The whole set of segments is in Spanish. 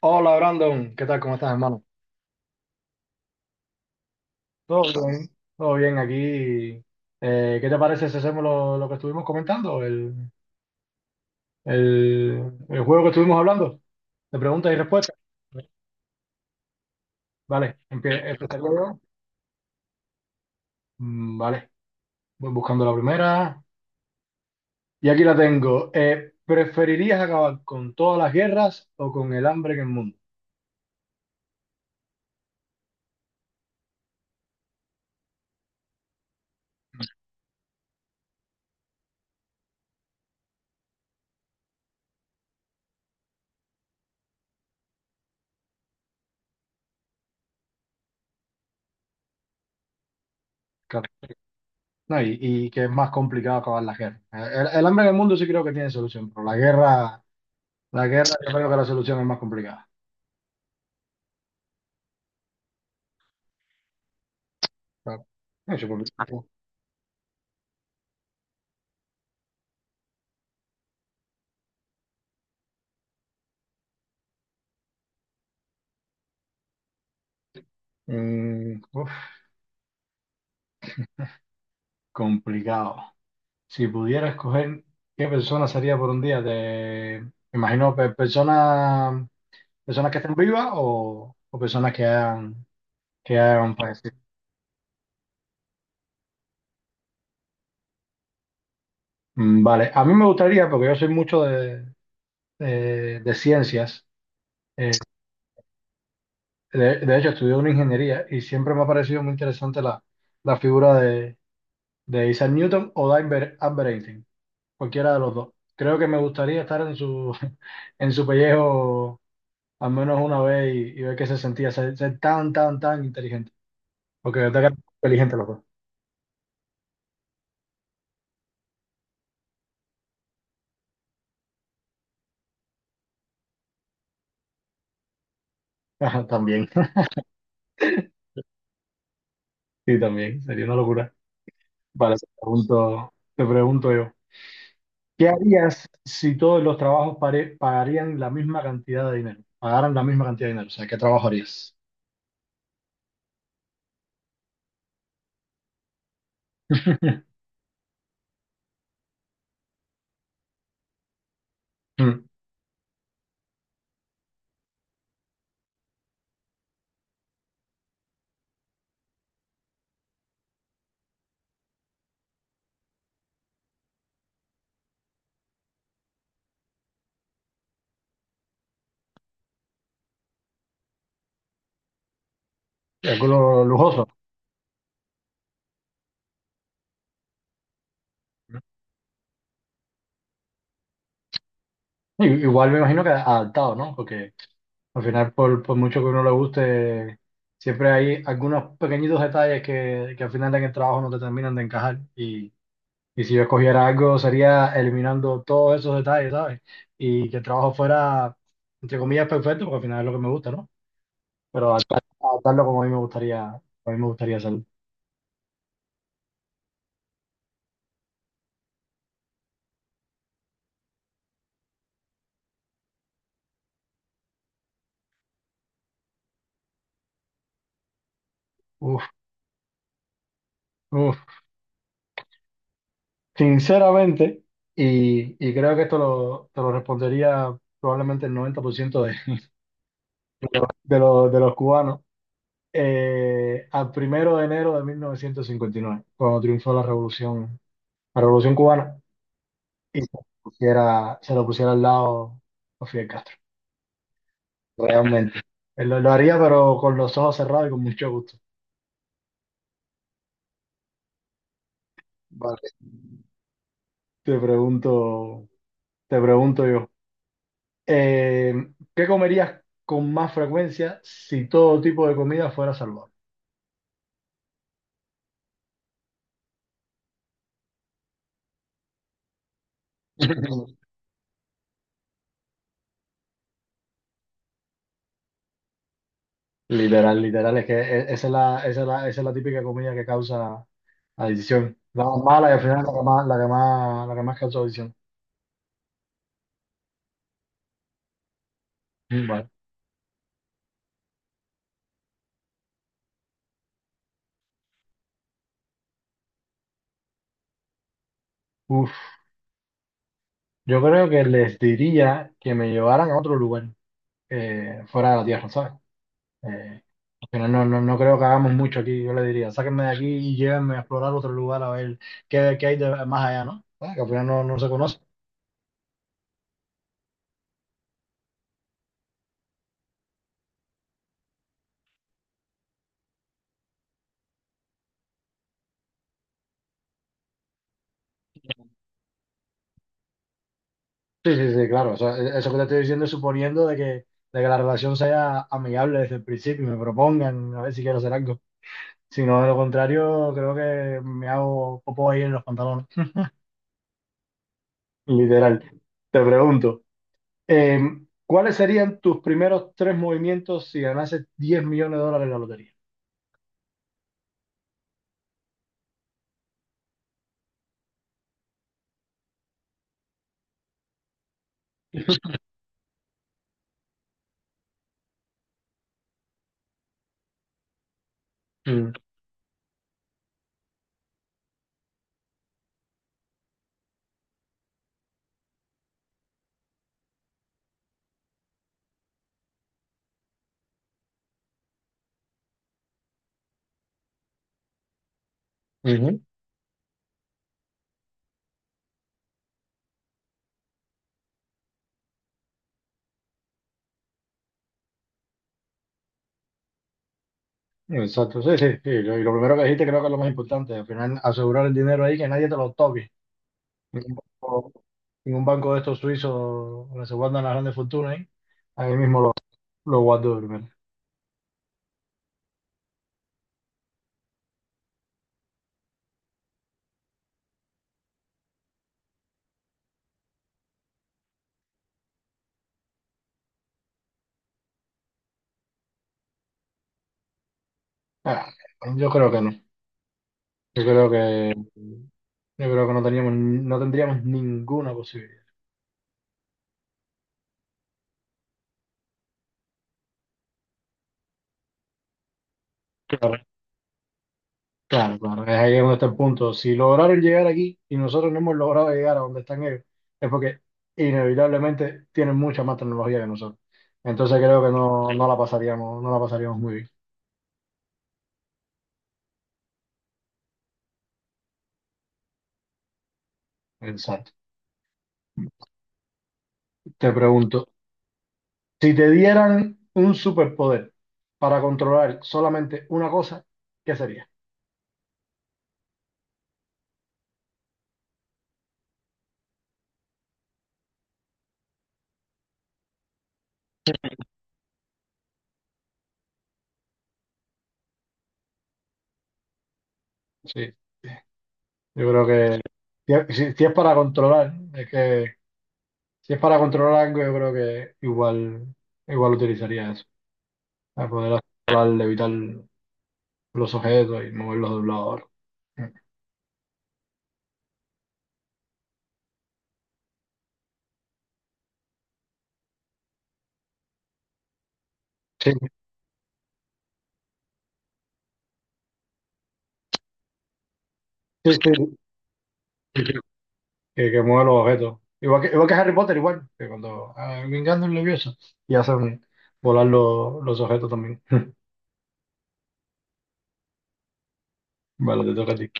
Hola Brandon, ¿qué tal? ¿Cómo estás, hermano? Todo bien. Todo bien aquí. ¿Qué te parece si hacemos lo que estuvimos comentando? El juego que estuvimos hablando de preguntas y respuestas. Vale, empezaré yo. Mm, vale, voy buscando la primera. Y aquí la tengo. ¿Preferirías acabar con todas las guerras o con el hambre en el mundo? Claro. No, y que es más complicado acabar las guerras. El hambre en el mundo sí creo que tiene solución, pero la guerra yo creo que la solución es más complicada. Claro. No, yo por mi ah, tiempo. Mm, uf, complicado. Si pudiera escoger qué persona sería por un día, te me imagino personas que estén vivas o personas que hayan, fallecido. Mm, vale, a mí me gustaría, porque yo soy mucho de ciencias, eh, de hecho estudié una ingeniería y siempre me ha parecido muy interesante la figura de Isaac Newton o de Albert Einstein. Cualquiera de los dos. Creo que me gustaría estar en su, en su pellejo al menos una vez y ver qué se sentía ser, ser tan, tan, tan inteligente. Porque de verdad que inteligente los dos. También, sí, también, sería una locura. Vale, te pregunto yo, ¿qué harías si todos los trabajos pagarían la misma cantidad de dinero? Pagaran la misma cantidad de dinero, o sea, ¿qué trabajo harías? Mm, Alguno lujoso. ¿No? I- Igual me imagino que adaptado, ¿no? Porque al final, por mucho que uno le guste, siempre hay algunos pequeñitos detalles que al final en el trabajo no te terminan de encajar. Y si yo escogiera algo, sería eliminando todos esos detalles, ¿sabes? Y que el trabajo fuera, entre comillas, perfecto, porque al final es lo que me gusta, ¿no? Pero adaptarlo como a mí me gustaría, a mí me gustaría hacerlo. Uf, uf. Sinceramente, y creo que esto te lo respondería probablemente el 90% de los cubanos. Al 1 de enero de 1959, cuando triunfó la revolución cubana y se lo pusiera al lado a Fidel Castro. Realmente. Lo haría, pero con los ojos cerrados y con mucho gusto. Vale. Te pregunto, te pregunto yo, eh, ¿qué comerías con más frecuencia si todo tipo de comida fuera saludable? Literal, literal, es que esa es la típica comida que causa adicción. La más mala y al final la que más, la que más, la que más causa adicción. Mm, vale. Uf, yo creo que les diría que me llevaran a otro lugar fuera de la Tierra, ¿sabes? Eh, Al final no creo que hagamos mucho aquí, yo le diría, sáquenme de aquí y llévenme a explorar otro lugar a ver qué hay más allá, ¿no? Ah, que al final no, no se conoce. Sí, sí, sí, claro. O sea, eso que te estoy diciendo es suponiendo de que la relación sea amigable desde el principio y me propongan a ver si quiero hacer algo. Si no, de lo contrario, creo que me hago popo ahí en los pantalones. Literal. Te pregunto, eh, ¿cuáles serían tus primeros tres movimientos si ganases 10 millones de dólares en la lotería? Mm, ujú. Exacto, sí, sí, sí. Y lo primero que dijiste creo que es lo más importante. Al final, asegurar el dinero ahí, que nadie te lo toque. Ningún banco, ningún banco de estos suizos donde se guardan las grandes fortunas, ¿eh? Ahí mismo lo guardo de primero. Ah, yo creo que no. Yo creo que no teníamos, no tendríamos ninguna posibilidad. Claro, claro, claro. Es ahí donde está el punto. Si lograron llegar aquí y nosotros no hemos logrado llegar a donde están ellos, es porque inevitablemente tienen mucha más tecnología que nosotros. Entonces creo que no la pasaríamos muy bien. Exacto. Te pregunto, si te dieran un superpoder para controlar solamente una cosa, ¿qué sería? Sí, sí. Yo creo que si es para controlar, es que si es para controlar algo, yo creo que igual utilizaría eso, para poder controlar, evitar los objetos y moverlos de un lado a otro. Sí, sí, sí, sí, sí. Que mueve los objetos. Igual que Harry Potter, igual, que cuando vengando un levioso y hacen volar los objetos también. Vale, te toca a ti.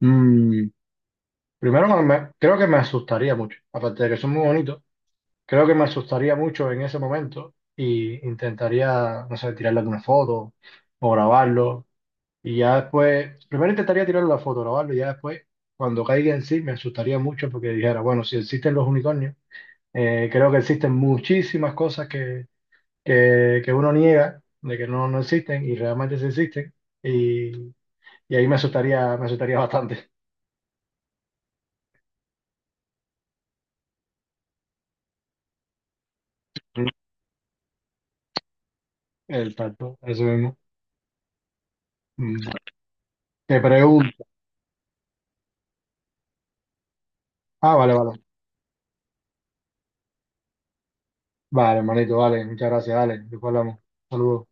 Mm, Primero, creo que me asustaría mucho. Aparte de que son muy bonitos, creo que me asustaría mucho en ese momento y intentaría, no sé, tirarle alguna foto o grabarlo. Y ya después, primero intentaría tirarle la foto, grabarlo, y ya después, cuando caiga en sí, me asustaría mucho porque dijera, bueno, si existen los unicornios, creo que existen muchísimas cosas que uno niega de que no existen y realmente sí existen. Y, y ahí me asustaría bastante. El tanto, eso mismo. Mm, Te pregunto. Ah, vale, vale. Vale, hermanito, vale. Muchas gracias, dale. Después hablamos. Saludos.